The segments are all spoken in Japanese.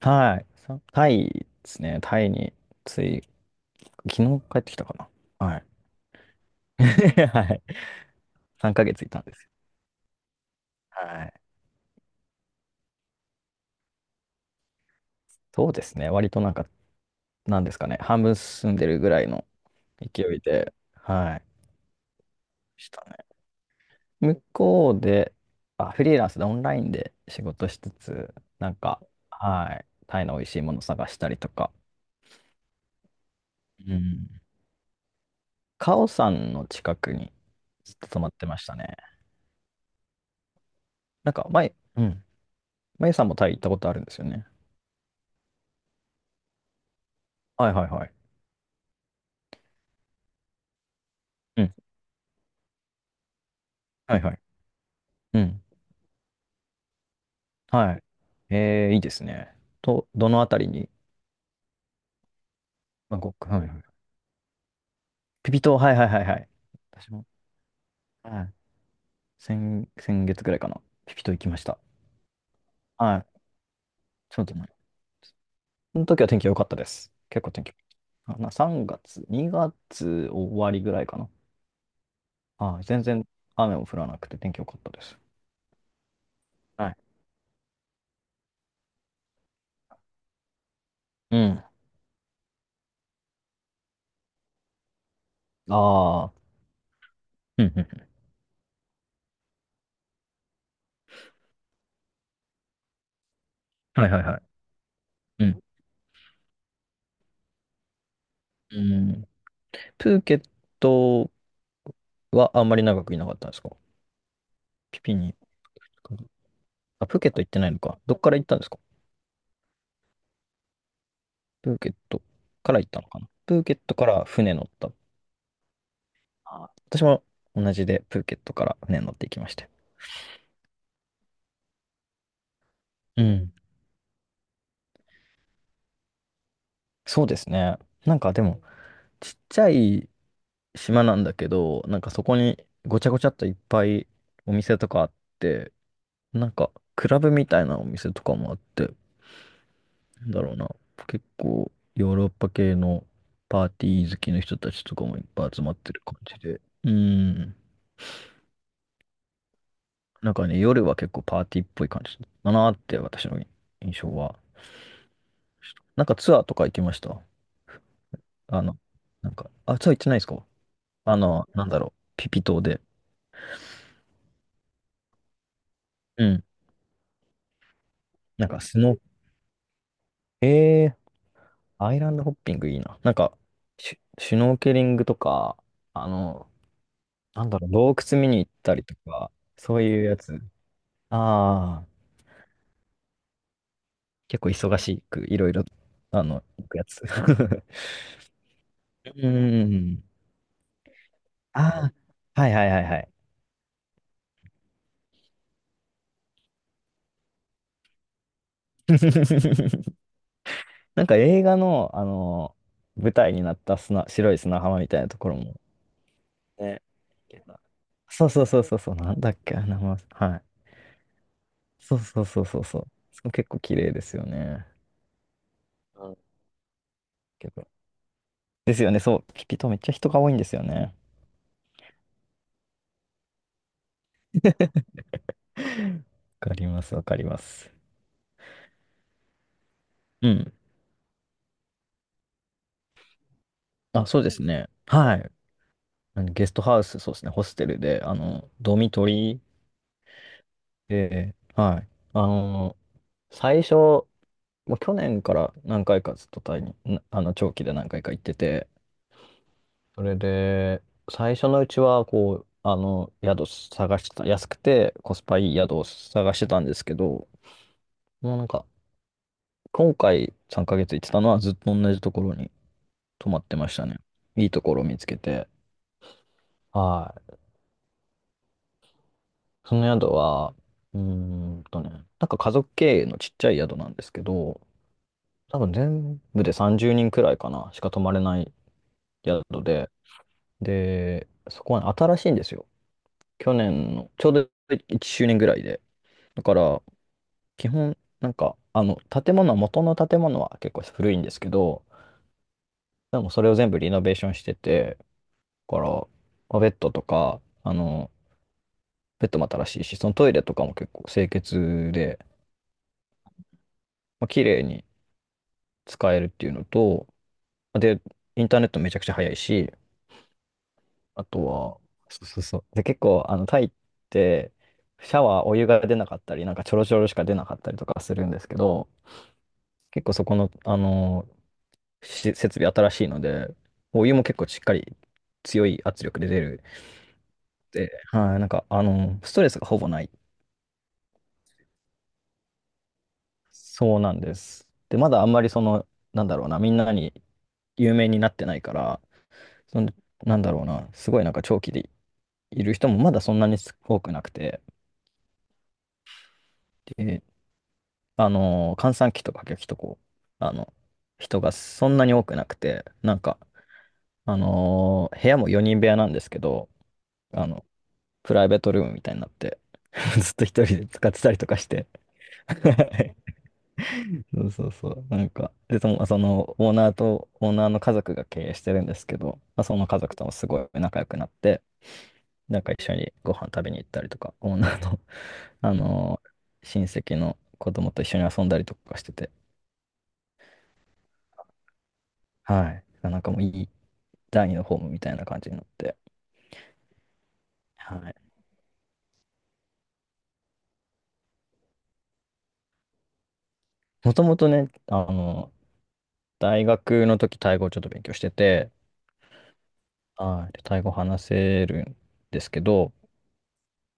はい。タイですね。タイについ、昨日帰ってきたかな。はい。はい。3ヶ月いたんですよ。はい。そうですね。割となんか、なんですかね。半分住んでるぐらいの勢いで、はい。したね。向こうで、あ、フリーランスでオンラインで仕事しつつ、なんか、はい。タイの美味しいもの探したりとか。うん。カオさんの近くにずっと泊まってましたね。なんか、前、うん。まゆさんもタイ行ったことあるんですよね。はいはいはい。うん、はいはい。うん。はい。いいですね。と、どのあたりに？バンコク。はいはい。ピピ島、はいはいはいはい。私も、はい。先月ぐらいかな。ピピ島行きました。はい。ちょっとね、その時は天気良かったです。結構天気あかな、3月、2月終わりぐらいかな。はい。全然雨も降らなくて天気良かったです。はい。うん。ああ。うんうんうん、はいはいはい。うん。うん。プーケットはあんまり長くいなかったんですか、ピピに？あ、プーケット行ってないのか。どっから行ったんですか？プーケットから行ったのかな、プーケットから船乗った？あ、私も同じでプーケットから船乗って行きまして。うん。そうですね。なんかでも、ちっちゃい島なんだけど、なんかそこにごちゃごちゃっといっぱいお店とかあって、なんかクラブみたいなお店とかもあって、なんだろうな。結構ヨーロッパ系のパーティー好きの人たちとかもいっぱい集まってる感じで。うん。なんかね、夜は結構パーティーっぽい感じだなーって私の印象は。なんかツアーとか行きました？あの、なんか、あ、ツアー行ってないですか？あの、なんだろう、ピピ島で。うん。なんかスノー、えー、アイランドホッピングいいな。なんか、シュノーケリングとか、あの、なんだろう、洞窟見に行ったりとか、そういうやつ。ああ、結構忙しく、いろいろ、あの、行くやつ。うん。ああ、はいはいはいはい。なんか映画の、あの、舞台になった白い砂浜みたいなところも、ね。いけた？そうそうそうそうそう、なんだっけ、あの名前。はい。そうそうそうそうそう。そこ結構綺麗ですよね。うん。けどですよね、そう。ピピ島めっちゃ人が多いんですよね。わかります、わかります。うん。あ、そうですね。はい。あのゲストハウス、そうですね、ホステルで、あの、ドミトリーで、はい。あの、最初、もう去年から何回かずっとタイに、あの、長期で何回か行ってて、それで、最初のうちは、こう、あの、宿探してた、安くてコスパいい宿を探してたんですけど、もうなんか、今回3ヶ月行ってたのはずっと同じところに泊まってましたね。いいところを見つけて。はい。その宿は、うーんとね、なんか家族経営のちっちゃい宿なんですけど、多分全部で30人くらいかな、しか泊まれない宿で、で、そこは新しいんですよ。去年の、ちょうど1周年ぐらいで。だから、基本、なんか、あの、建物は、元の建物は結構古いんですけど、でもそれを全部リノベーションしてて、だから、まあベッドとか、あの、ベッドも新しいし、そのトイレとかも結構清潔で、まあ、綺麗に使えるっていうのと、で、インターネットめちゃくちゃ早いし、あとは、そうそうそう。で、結構、あの、タイって、シャワー、お湯が出なかったり、なんかちょろちょろしか出なかったりとかするんですけど、結構そこの、あの、設備新しいので、お湯も結構しっかり強い圧力で出る。で、はい、なんか、あの、ストレスがほぼない。そうなんです。で、まだあんまりその、なんだろうな、みんなに有名になってないから、その、なんだろうな、すごいなんか長期でいる人もまだそんなに多くなくて、で、閑散期とかこう、あの、人がそんなに多くなくて、なんか、部屋も4人部屋なんですけど、あの、プライベートルームみたいになって、ずっと一人で使ってたりとかして。そうそうそう。なんか、で、そのオーナーと、オーナーの家族が経営してるんですけど、まあ、その家族ともすごい仲良くなって、なんか一緒にご飯食べに行ったりとか、オーナーの、あのー親戚の子供と一緒に遊んだりとかしてて、はい。なんかもういい、第二のホームみたいな感じになって。はい。もともとね、あの、大学の時、タイ語をちょっと勉強してて、はい。でタイ語話せるんですけど、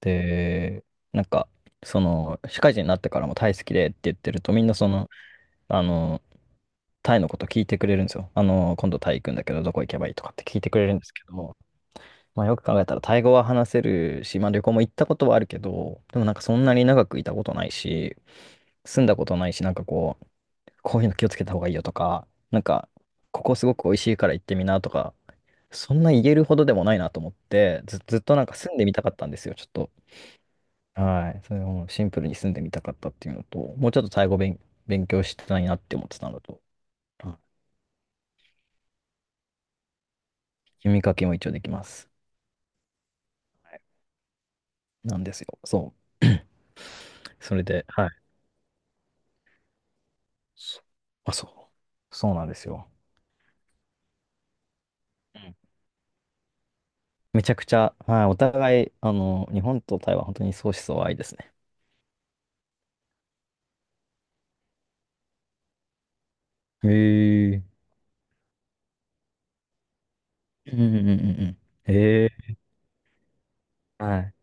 で、なんか、その、社会人になってからもタイ好きでって言ってると、みんなその、あの、タイのこと聞いてくれるんですよ。あの、今度タイ行くんだけど、どこ行けばいいとかって聞いてくれるんですけども、まあ、よく考えたら、タイ語は話せるし、まあ、旅行も行ったことはあるけど、でもなんかそんなに長くいたことないし、住んだことないし、なんかこう、こういうの気をつけた方がいいよとか、なんか、ここすごく美味しいから行ってみなとか、そんな言えるほどでもないなと思って、ずっとなんか住んでみたかったんですよ、ちょっと。はい。それをもうシンプルに住んでみたかったっていうのと、もうちょっとタイ語勉強したいなって思ってたのと、はい、読み書きも一応できます。はい。なんですよ。そう。それで、はい。そ、あ、そう。そうなんですよ。めちゃくちゃ、はい。お互い、あの、日本と台湾、本当に相思相愛ですね。へえ。うんうんうんうんうん。ええ、はい。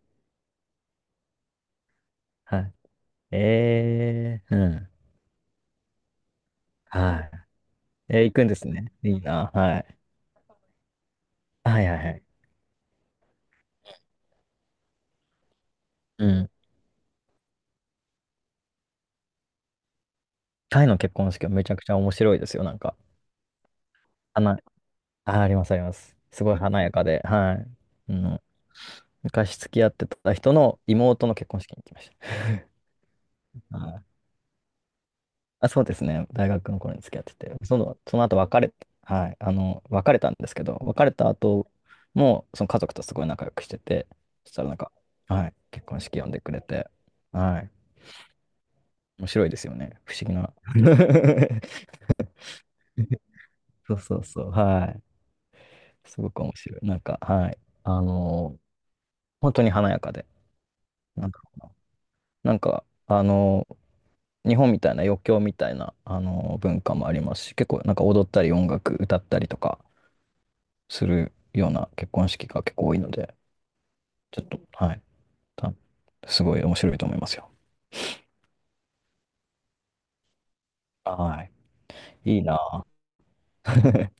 はい。ええ、うん。はい。えー、行くんですね。いいな。はい。はいはいはい。うん。タイの結婚式はめちゃくちゃ面白いですよ。なんか。花、あ、ありますあります。すごい華やかで。はい。うん。昔付き合ってた人の妹の結婚式に行きました。あ、そうですね。大学の頃に付き合ってて、その、その後はい、あの、別れたんですけど、別れた後も、その家族とすごい仲良くしてて、そしたらなんか、はい、結婚式呼んでくれて、はい、面白いですよね。不思議な。そうそうそう、はい。すごく面白い。なんか、はい、あの、本当に華やかで、なんだろうな。なんか、日本みたいな余興みたいな、文化もありますし、結構なんか踊ったり音楽歌ったりとか、するような結婚式が結構多いので、ちょっと、はい、たすごい面白いと思いますよ。はい。いいなぁ。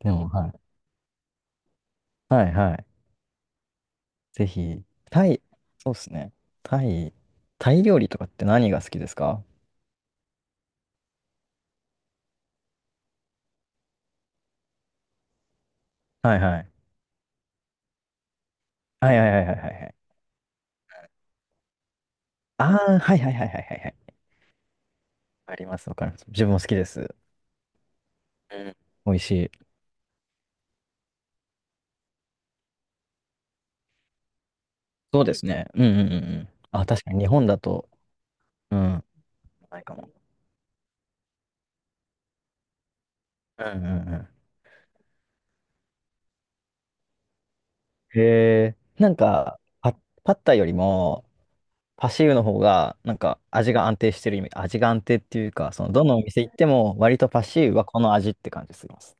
でも、はい。はいはい。ぜひ、タイ、そうですね。タイ、タイ料理とかって何が好きですか？はいはい。はいはいはいはいはいはい。ああ、はいはいはいはいはいはい。あります、わかります。自分も好きです。うん、美味しい。そうですね。うんうんうんうん。あ、確かに日本だと、うん、ないかも。うんうんうん。へえ、パッタイよりも、パシーウの方が、なんか味が安定してる意味、味が安定っていうか、その、どのお店行っても、割とパシーウはこの味って感じするます。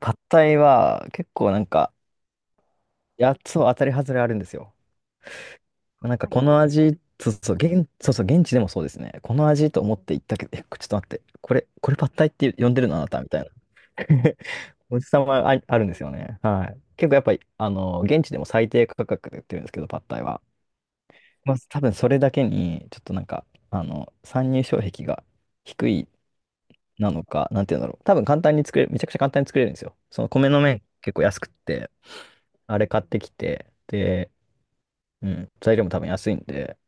パッタイは、結構なんか、やつは当たり外れあるんですよ。なんか、この味、そうそう、そうそう、現地でもそうですね。この味と思って行ったけど、え、ちょっと待って、これパッタイって呼んでるのあなたみたいな。おじさまあ、あるんですよね。はい。結構やっぱり、現地でも最低価格で売ってるんですけど、パッタイは。まあ、多分それだけに、ちょっとなんか、参入障壁が低いなのか、なんていうんだろう。多分簡単に作れる、めちゃくちゃ簡単に作れるんですよ。その米の麺結構安くって、あれ買ってきて、で、うん、材料も多分安いんで、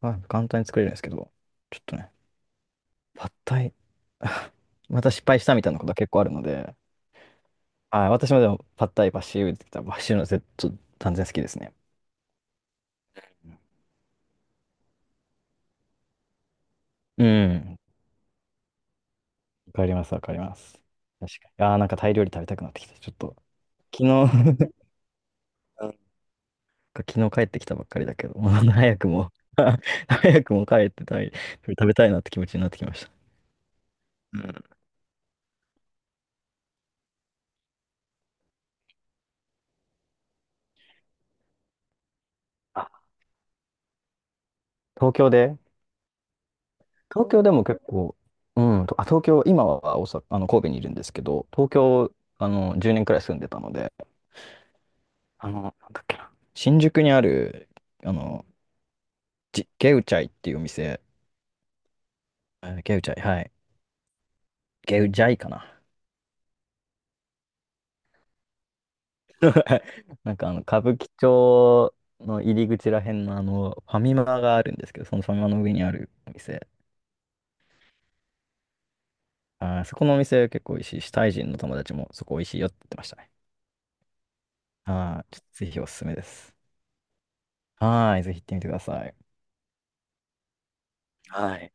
まあ、簡単に作れるんですけど、ちょっとね、パッタイ、また失敗したみたいなことが結構あるので、はい、私もでもパッタイ、バッシューって言ったら、バッシューの絶対断然好きですね。うん、わかります、わかります。確かに。ああ、なんかタイ料理食べたくなってきた。ちょっと、昨日 なんか昨日帰ってきたばっかりだけど、もう早くも 早くも帰ってたい、食べたいなって気持ちになってきました。うん。あ、東京で東京でも結構、東京、今は大阪、神戸にいるんですけど、東京、あの、10年くらい住んでたので、あの、なんだっけな、新宿にある、あの、ゲウチャイっていうお店、えーゲウチャイ、はい。ゲウジャイかな。なんかあの、歌舞伎町の入り口らへんのあの、ファミマがあるんですけど、そのファミマの上にあるお店。あー、そこのお店結構美味しいし、タイ人の友達もそこ美味しいよって言ってましたね。はい、ちょっとぜひおすすめです。はい、ぜひ行ってみてください。はい。